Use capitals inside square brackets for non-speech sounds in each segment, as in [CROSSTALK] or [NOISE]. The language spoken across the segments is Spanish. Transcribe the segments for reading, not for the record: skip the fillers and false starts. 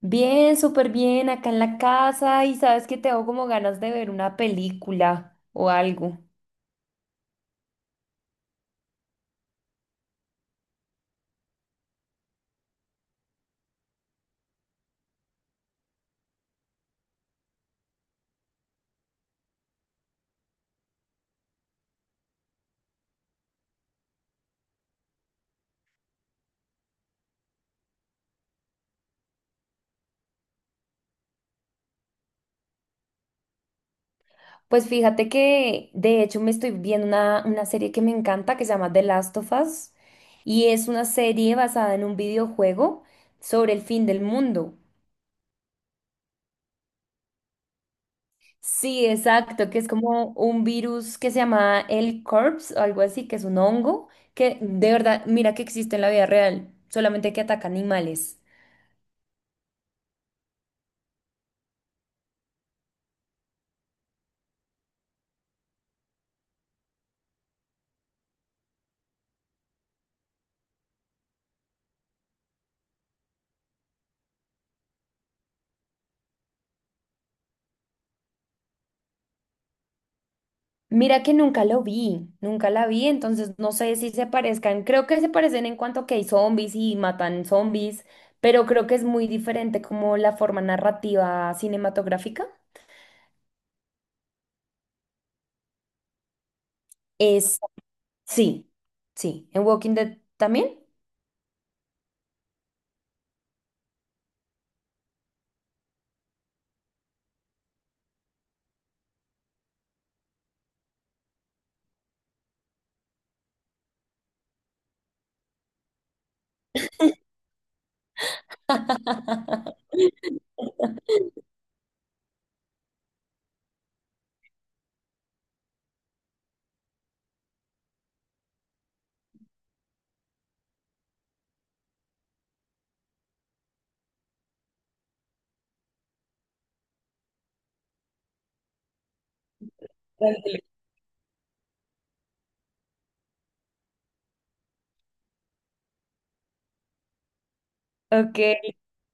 Bien, súper bien, acá en la casa y sabes que tengo como ganas de ver una película o algo. Pues fíjate que de hecho me estoy viendo una serie que me encanta que se llama The Last of Us y es una serie basada en un videojuego sobre el fin del mundo. Sí, exacto, que es como un virus que se llama el Corpse o algo así, que es un hongo que de verdad, mira que existe en la vida real, solamente que ataca animales. Mira que nunca lo vi, nunca la vi, entonces no sé si se parezcan. Creo que se parecen en cuanto que hay zombies y matan zombies, pero creo que es muy diferente como la forma narrativa cinematográfica. Es, sí, sí. ¿En Walking Dead también? Ándale. Ok.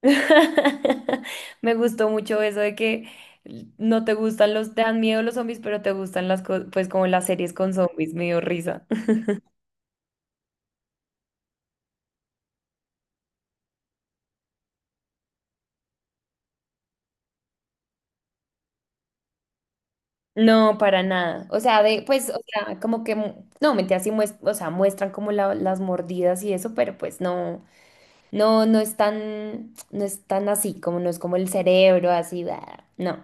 [LAUGHS] Me gustó mucho eso de que no te gustan te dan miedo los zombies, pero te gustan las cosas, pues como las series con zombies, me dio risa. No, para nada. O sea, pues, o sea, como que, no, mentira, o sea, muestran como las mordidas y eso, pero pues no, no, no es tan así, como no es como el cerebro, así, bah, no.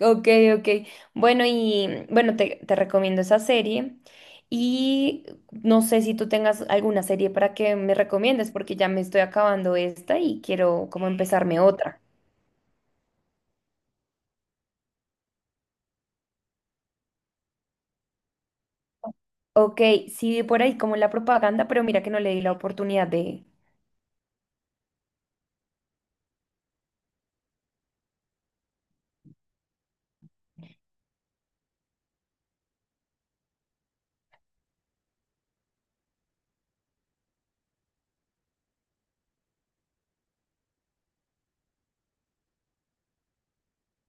Ok, ok. Bueno, y bueno, te recomiendo esa serie. Y no sé si tú tengas alguna serie para que me recomiendes, porque ya me estoy acabando esta y quiero como empezarme otra. Ok, sí, vi por ahí como la propaganda, pero mira que no le di la oportunidad de.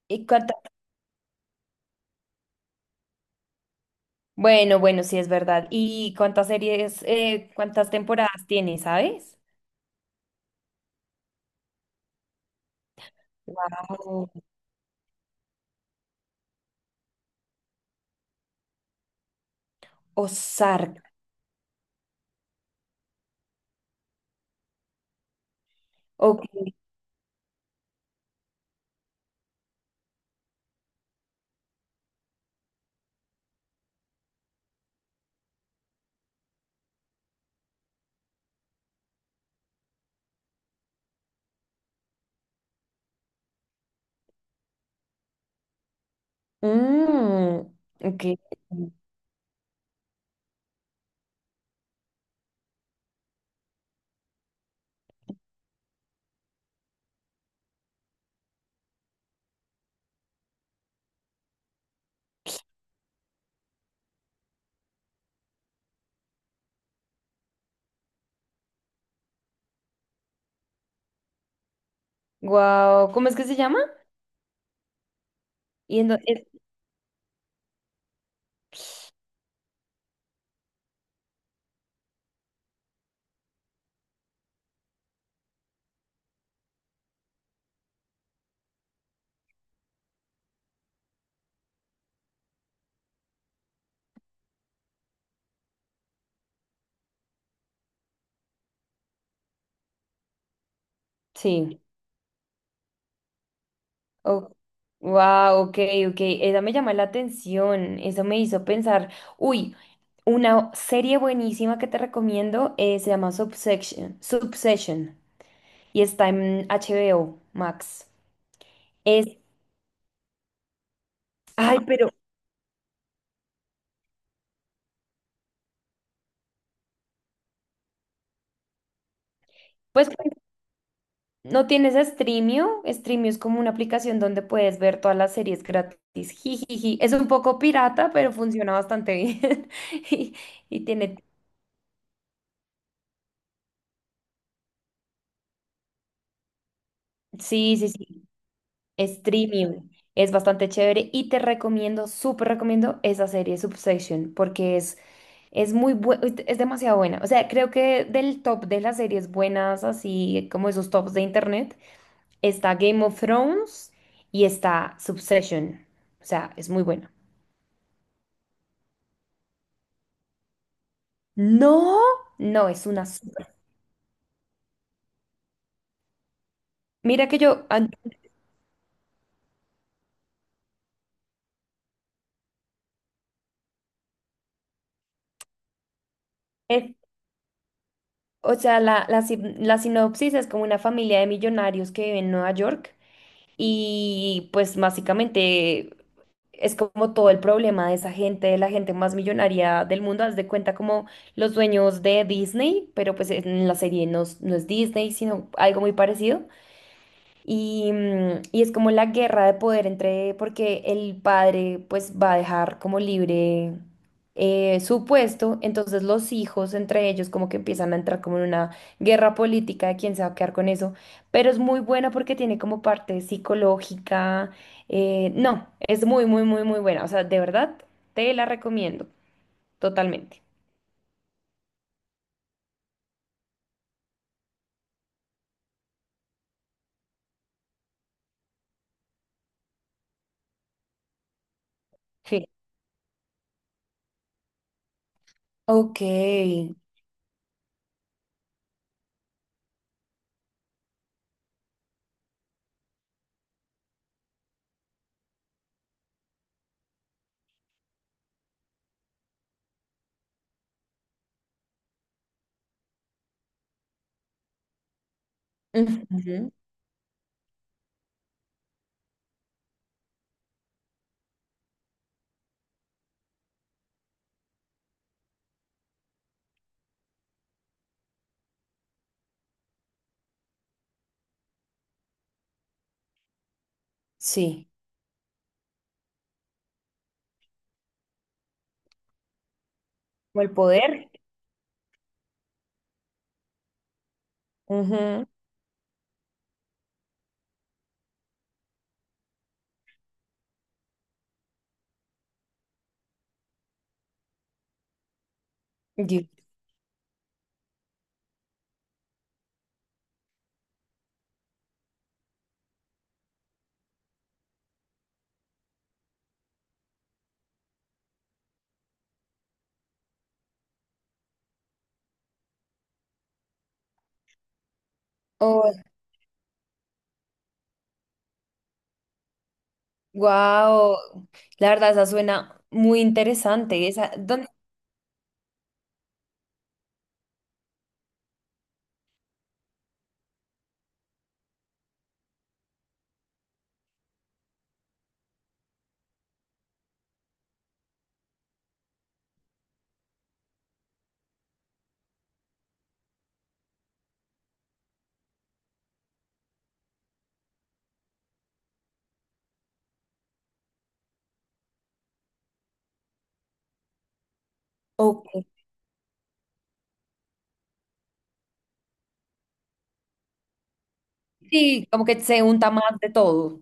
¿Y cuántas Bueno, bueno, sí es verdad. ¿Y cuántas series, cuántas temporadas tiene, sabes? Wow. Ozark. Ok. Mm, ok. Wow. ¿Cómo es que se llama? Y en do- eh, sí. Wow, ok, ok. Esa me llama la atención. Eso me hizo pensar. Uy, una serie buenísima que te recomiendo, se llama Subsection. Subsession. Y está en HBO Max. Es. Ay, pero. Pues, ¿no tienes Streamio? Streamio es como una aplicación donde puedes ver todas las series gratis. Jijiji. Es un poco pirata, pero funciona bastante bien. [LAUGHS] Y, y tiene. Sí, sí, sí. Streamio. Es bastante chévere y te recomiendo, súper recomiendo esa serie Substation porque es muy buena, es demasiado buena. O sea, creo que del top de las series buenas, así como esos tops de internet, está Game of Thrones y está Subsession. O sea, es muy buena. No, no, es una super. Mira que yo, es- o sea, la, sin- la sinopsis es como una familia de millonarios que vive en Nueva York y pues básicamente es como todo el problema de esa gente, de la gente más millonaria del mundo. Haz de cuenta como los dueños de Disney, pero pues en la serie no, no es Disney, sino algo muy parecido. Y es como la guerra de poder entre, porque el padre pues va a dejar como libre, su puesto, entonces los hijos entre ellos como que empiezan a entrar como en una guerra política de quién se va a quedar con eso, pero es muy buena porque tiene como parte psicológica, no, es muy, muy, muy, muy buena, o sea, de verdad te la recomiendo totalmente. Sí. Ok. Ujú. Sí. Como el poder. Ujú. Yo- Wow, la verdad, esa suena muy interesante. Esa, ¿dónde? Ok. Sí, como que se unta más de todo.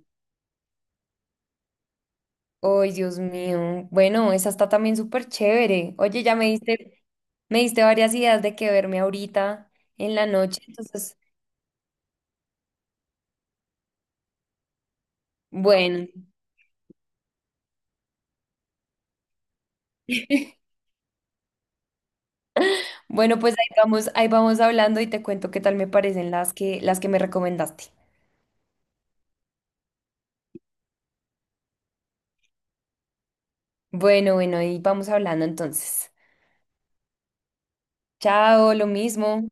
Ay, Dios mío. Bueno, esa está también súper chévere. Oye, ya me diste varias ideas de qué verme ahorita en la noche. Entonces, bueno. [LAUGHS] Bueno, pues ahí vamos hablando y te cuento qué tal me parecen las que me recomendaste. Bueno, bueno, ahí vamos hablando entonces. Chao, lo mismo.